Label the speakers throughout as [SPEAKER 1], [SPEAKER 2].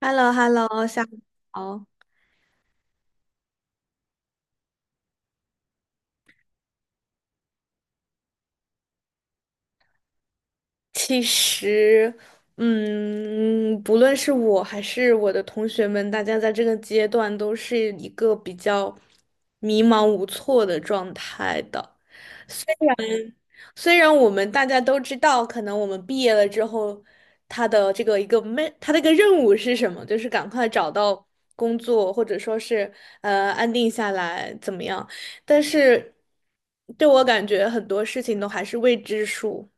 [SPEAKER 1] h e l l o h e l l o 下午好。其实，不论是我还是我的同学们，大家在这个阶段都是一个比较迷茫无措的状态的。虽然我们大家都知道，可能我们毕业了之后，他的这个一个没，他的一个任务是什么，就是赶快找到工作，或者说是安定下来怎么样？但是对我感觉很多事情都还是未知数。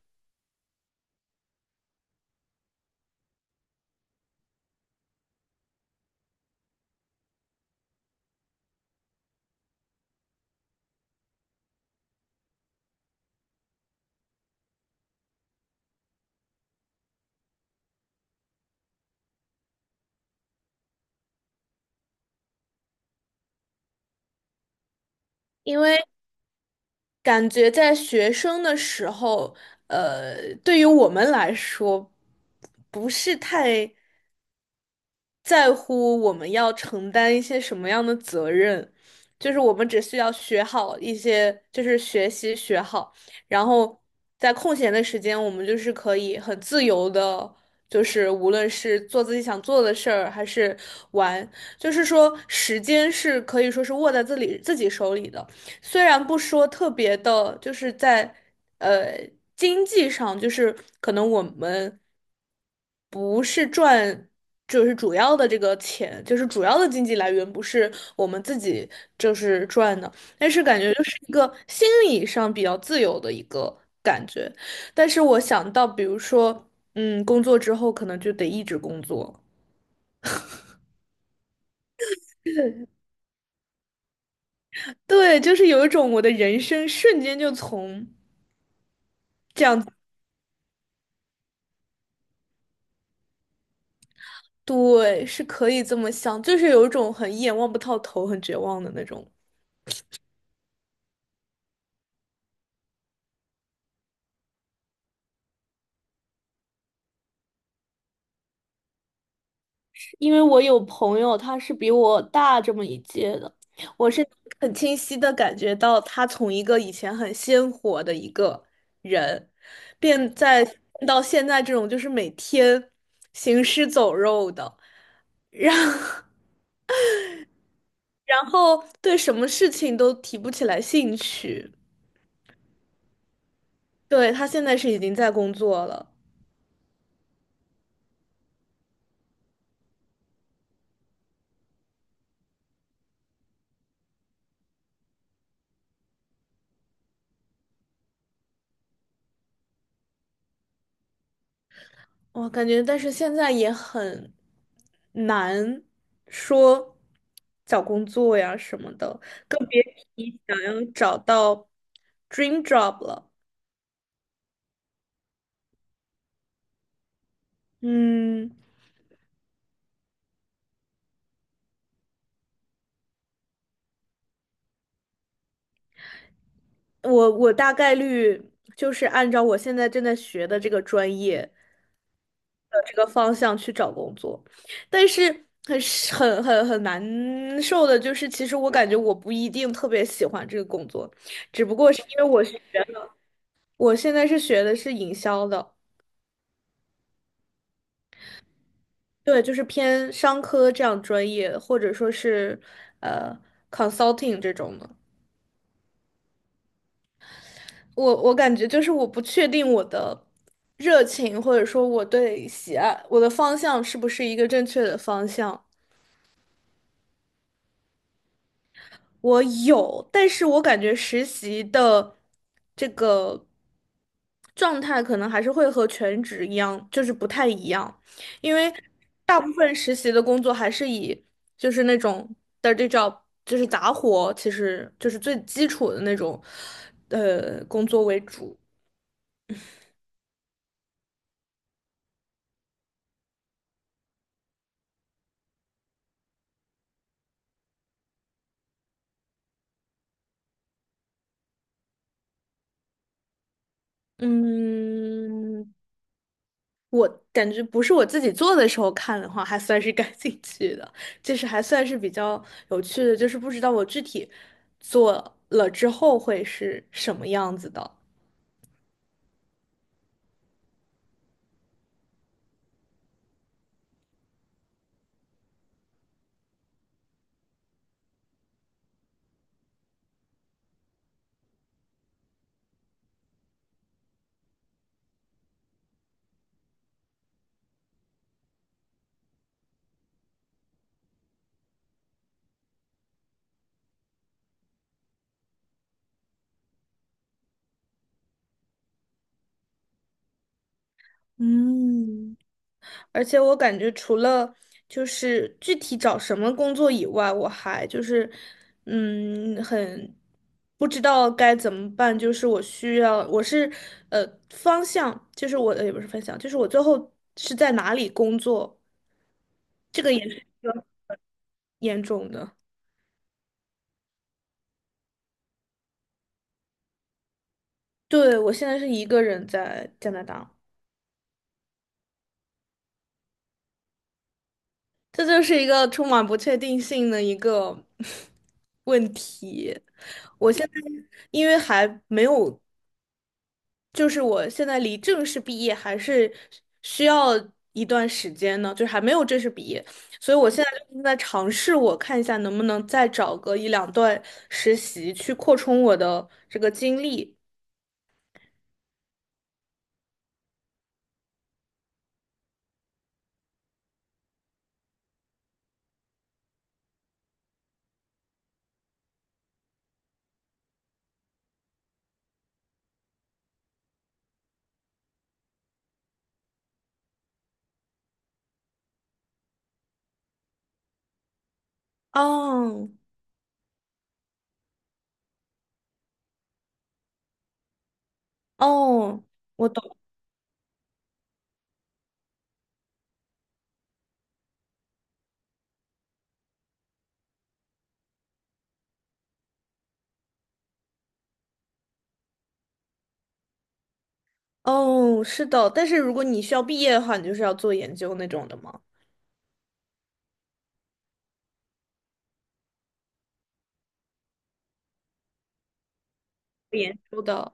[SPEAKER 1] 因为感觉在学生的时候，对于我们来说，不是太在乎我们要承担一些什么样的责任，就是我们只需要学好一些，就是学习学好，然后在空闲的时间，我们就是可以很自由的。就是无论是做自己想做的事儿，还是玩，就是说时间是可以说是握在自己手里的。虽然不说特别的，就是在呃经济上，就是可能我们不是赚，就是主要的这个钱，就是主要的经济来源不是我们自己就是赚的，但是感觉就是一个心理上比较自由的一个感觉。但是我想到，比如说，工作之后可能就得一直工作，对，就是有一种我的人生瞬间就从。对，是可以这么想，就是有一种很一眼望不到头、很绝望的那种。因为我有朋友，他是比我大这么一届的，我是 很清晰的感觉到，他从一个以前很鲜活的一个人，变在到现在这种就是每天行尸走肉的，然后对什么事情都提不起来兴趣。对，他现在是已经在工作了。我感觉，但是现在也很难说找工作呀什么的，更比想要找到 dream job 了。嗯，我大概率就是按照我现在正在学的这个专业的这个方向去找工作，但是很是很难受的就是，其实我感觉我不一定特别喜欢这个工作，只不过是因为我学。我现在是学的是营销的，对，就是偏商科这样专业，或者说是呃 consulting 这种的。我感觉就是我不确定我的热情，或者说我对喜爱我的方向是不是一个正确的方向。我有，但是我感觉实习的这个状态可能还是会和全职一样，就是不太一样，因为大部分实习的工作还是以就是那种 dirty job，就是杂活，其实就是最基础的那种工作为主。嗯，我感觉不是我自己做的时候看的话，还算是 感兴趣的，就是还算是比较有趣的，就是不知道我具体做了之后会是什么样子的。嗯，而且我感觉除了就是具体找什么工作以外，我还就是很不知道该怎么办。就是我需要，我是方向，就是我的也不是方向，就是我最后是在哪里工作，这个也是。严重的。对，我现在是一个人在加拿大，这就是一个充满不确定性的一个 问题。我现在因为还没有，就是我现在离正式毕业还是需要一段时间呢，就是还没有正式毕业，所以我现在就是在尝试，我看一下能不能再找个一两段实习去扩充我的这个经历。哦。哦。我懂。哦，是的，但是如果你需要毕业的话，你就是要做研究那种的吗？研究的，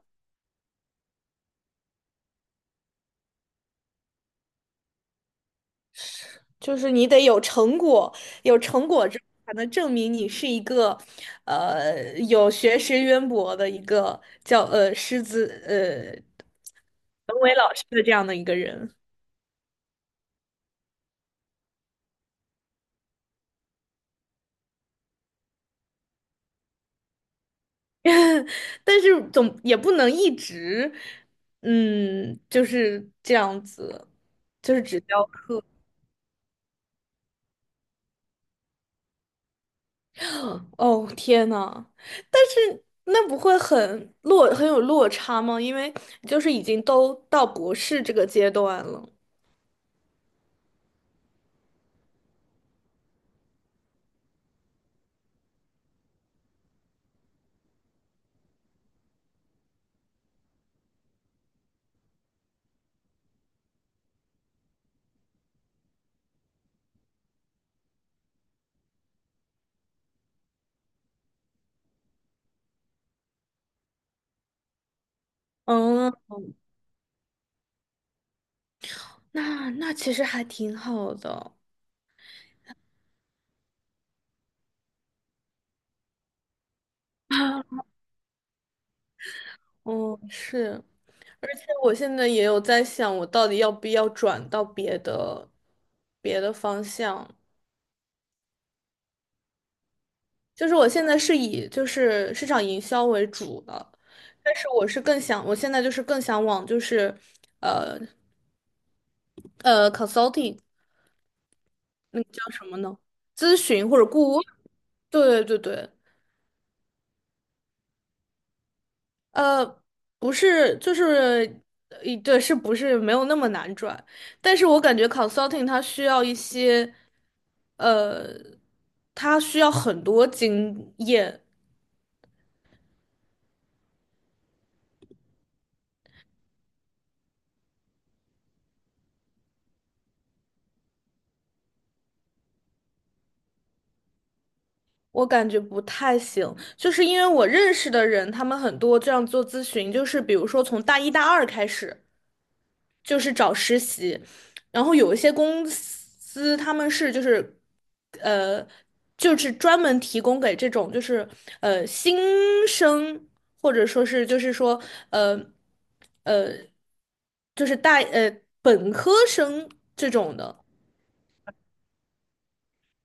[SPEAKER 1] 就是你得有成果，有成果之后才能证明你是一个，有学识渊博的一个叫师资文为老师的这样的一个人。但是总也不能一直，就是这样子，就是只教。哦，天呐，但是那不会很有落差吗？因为就是已经都到博士这个阶段了。嗯，那其实还挺好的。嗯，是，而且我现在也有在想，我到底要不要转到别的方向？就是我现在是以就是市场营销为主的，但是我是更想，我现在就是更想往就是呃consulting。那个叫什么呢？咨询或者顾问？对对对对，呃，不是，就是，对，是不是没有那么难转？但是我感觉 consulting 它需要一些，呃，它需要很多经验，我感觉不太行。就是因为我认识的人，他们很多这样做咨询，就是比如说从大一大二开始。就是找实习，然后有一些公司他们是就是呃就是专门提供给这种就是新生或者说是就是说呃呃就是本科生这种的，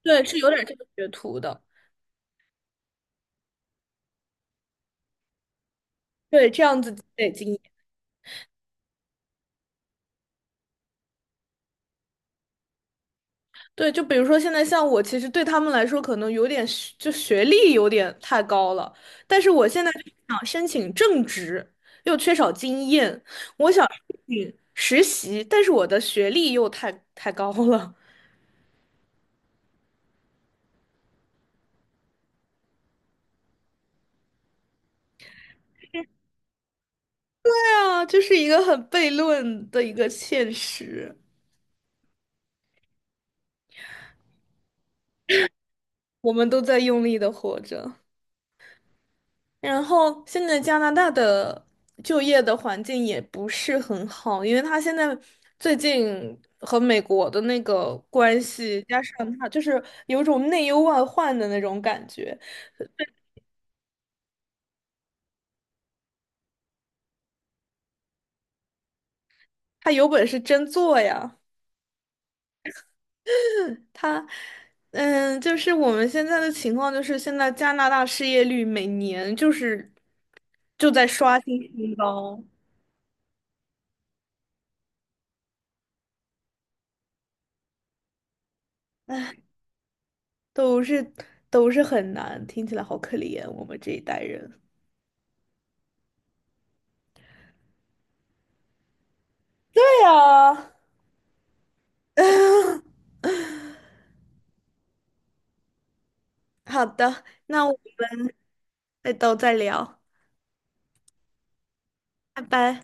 [SPEAKER 1] 对，是有点这个学徒的，对，这样子积累经验。对，就比如说现在像我，其实对他们来说可能有点学历有点太高了，但是我现在就想申请正职，又缺少经验，我想申请实习，但是我的学历又太高了，对啊，就是一个很悖论的一个现实，我们都在用力的活着。然后现在加拿大的就业的环境也不是很好，因为他现在最近和美国的那个关系，加上他就是有一种内忧外患的那种感觉。他有本事真做呀，他就是我们现在的情况就是现在加拿大失业率每年就在刷新新高，都是都是很难，听起来好可怜，我们这一代人。对呀。好的，那我们再聊，拜拜。